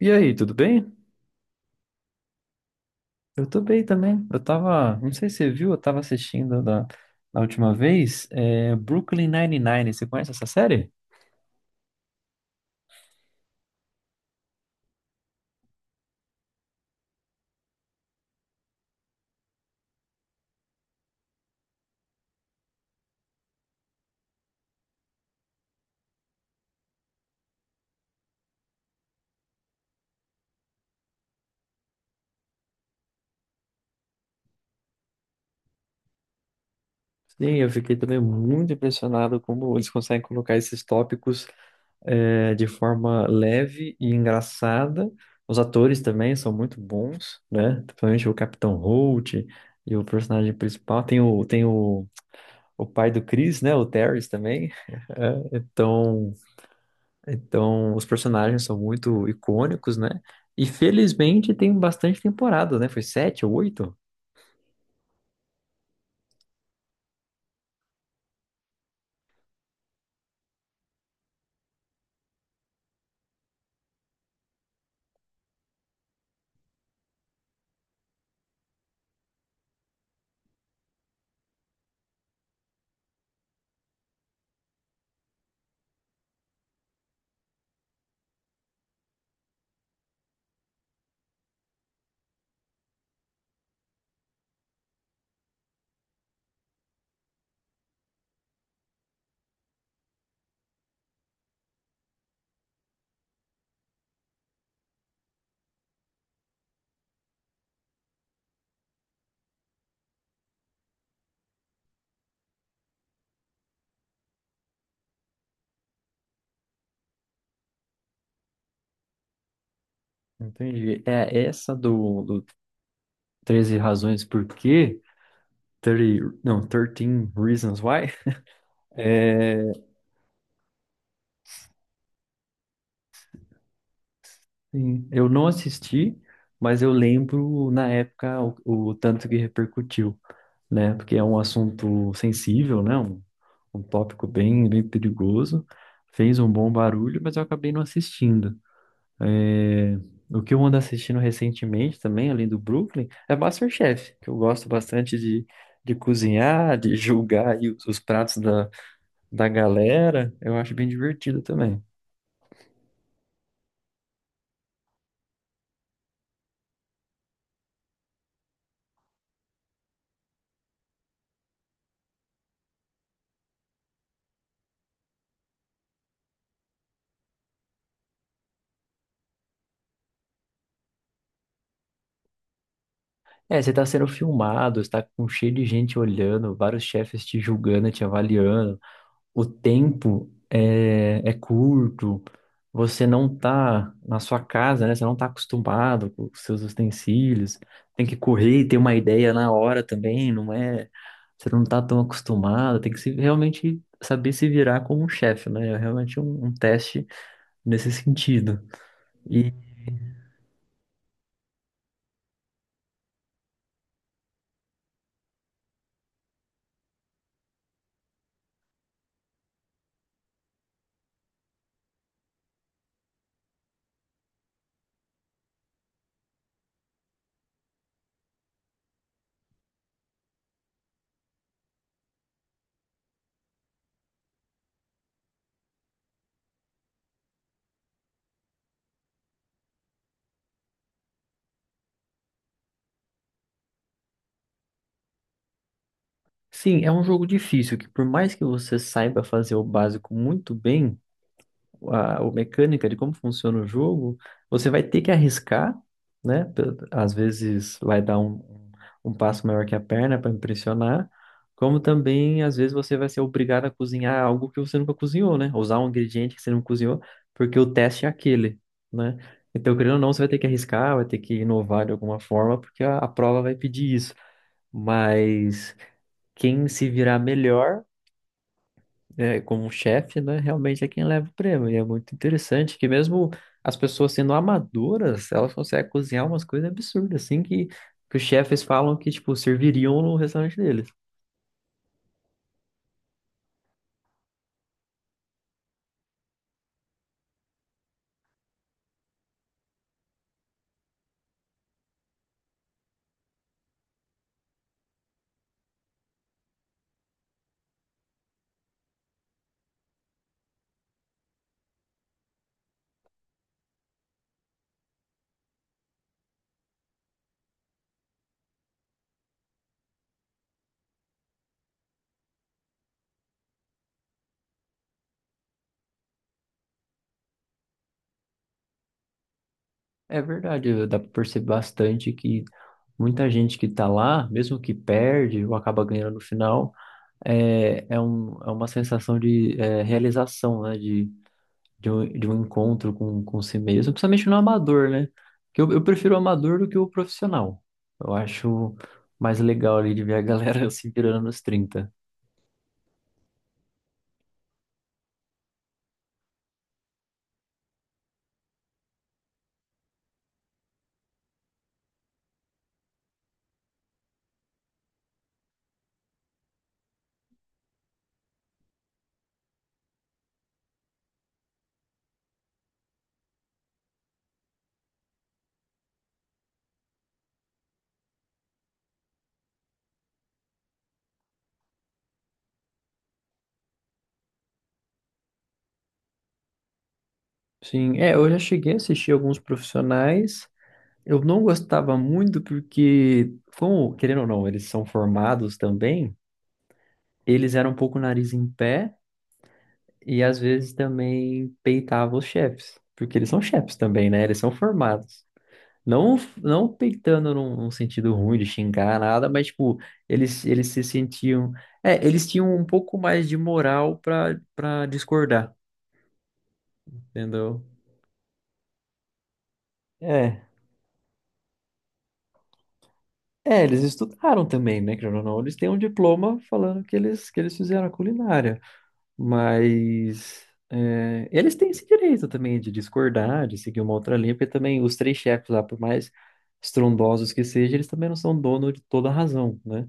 E aí, tudo bem? Eu tô bem também. Eu tava, não sei se você viu, eu tava assistindo da última vez, Brooklyn Nine-Nine. Você conhece essa série? Sim, eu fiquei também muito impressionado como eles conseguem colocar esses tópicos de forma leve e engraçada. Os atores também são muito bons, né? Principalmente o Capitão Holt e o personagem principal. Tem o pai do Chris, né? O Terrence também. É, então. Então, os personagens são muito icônicos, né? E felizmente tem bastante temporada, né? Foi sete ou oito? Entendi. É essa do 13 Razões Por Quê? 30, não, 13 Reasons Why. É, sim, eu não assisti, mas eu lembro na época o tanto que repercutiu, né? Porque é um assunto sensível, né? Um tópico bem perigoso. Fez um bom barulho, mas eu acabei não assistindo. É, o que eu ando assistindo recentemente também, além do Brooklyn, é MasterChef, que eu gosto bastante de cozinhar, de julgar aí os pratos da galera. Eu acho bem divertido também. É, você tá sendo filmado, você tá com cheio de gente olhando, vários chefes te julgando, te avaliando. O tempo é curto, você não tá na sua casa, né? Você não tá acostumado com os seus utensílios, tem que correr e ter uma ideia na hora também, não é? Você não tá tão acostumado, tem que se, realmente saber se virar como um chefe, né? É realmente um teste nesse sentido. E sim, é um jogo difícil, que por mais que você saiba fazer o básico muito bem, a mecânica de como funciona o jogo, você vai ter que arriscar, né? Às vezes vai dar um passo maior que a perna para impressionar, como também às vezes você vai ser obrigado a cozinhar algo que você nunca cozinhou, né? Usar um ingrediente que você não cozinhou, porque o teste é aquele, né? Então, querendo ou não, você vai ter que arriscar, vai ter que inovar de alguma forma, porque a prova vai pedir isso. Mas quem se virar melhor, né, como chefe, né, realmente é quem leva o prêmio. E é muito interessante que mesmo as pessoas sendo amadoras, elas conseguem cozinhar umas coisas absurdas, assim, que os chefes falam que, tipo, serviriam no restaurante deles. É verdade, dá para perceber bastante que muita gente que tá lá, mesmo que perde ou acaba ganhando no final, é uma sensação de realização, né, de de um encontro com si mesmo, principalmente no amador, né? Porque eu prefiro o amador do que o profissional. Eu acho mais legal ali de ver a galera se virando nos trinta. Sim, é, eu já cheguei a assistir alguns profissionais. Eu não gostava muito porque, como, querendo ou não, eles são formados também, eles eram um pouco nariz em pé e às vezes também peitavam os chefes, porque eles são chefes também, né? Eles são formados. Não, não peitando num sentido ruim de xingar nada, mas tipo, eles se sentiam. É, eles tinham um pouco mais de moral pra discordar, entendeu? É. É, eles estudaram também, né? Querendo ou não, eles têm um diploma falando que que eles fizeram a culinária. Mas é, eles têm esse direito também de discordar, de seguir uma outra linha, porque também os três chefes lá, por mais estrondosos que sejam, eles também não são dono de toda a razão, né?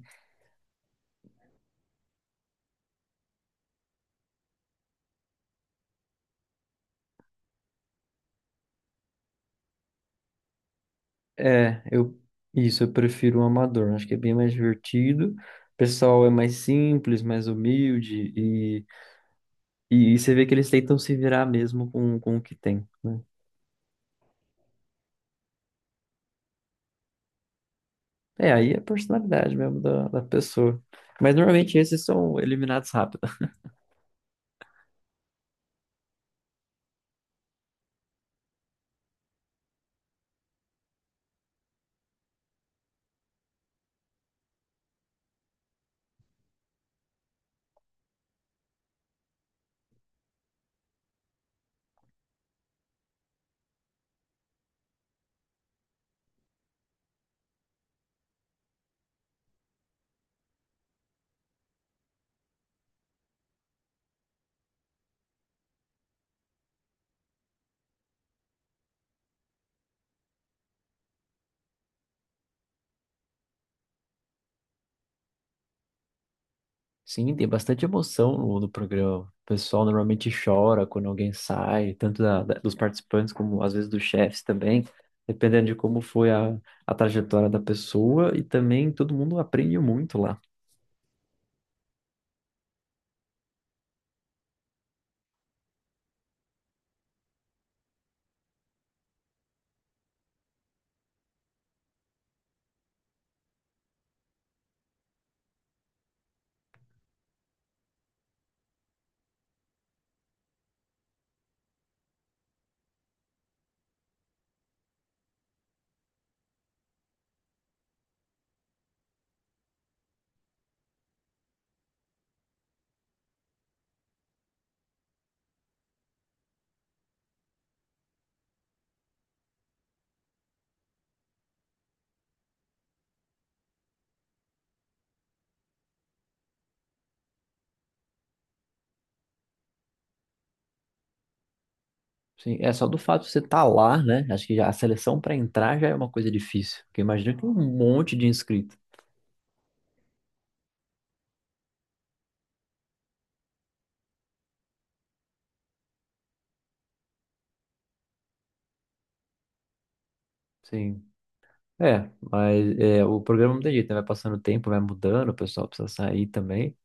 É, eu prefiro o amador, acho que é bem mais divertido. O pessoal é mais simples, mais humilde e você vê que eles tentam se virar mesmo com o que tem, né? É, aí é a personalidade mesmo da pessoa. Mas normalmente esses são eliminados rápido. Sim, tem bastante emoção no programa. O pessoal normalmente chora quando alguém sai, tanto dos participantes como às vezes dos chefes também, dependendo de como foi a trajetória da pessoa e também todo mundo aprende muito lá. Sim, é só do fato de você estar lá, né? Acho que já a seleção para entrar já é uma coisa difícil, porque imagina que um monte de inscrito. Sim. É, mas é, o programa não tem jeito, né? Vai passando o tempo, vai mudando, o pessoal precisa sair também.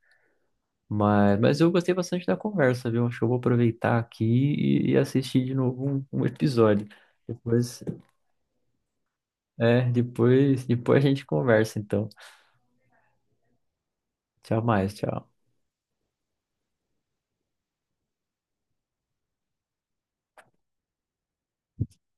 Mas eu gostei bastante da conversa, viu? Acho que eu vou aproveitar aqui e assistir de novo um episódio. Depois, depois a gente conversa, então. Tchau mais, tchau.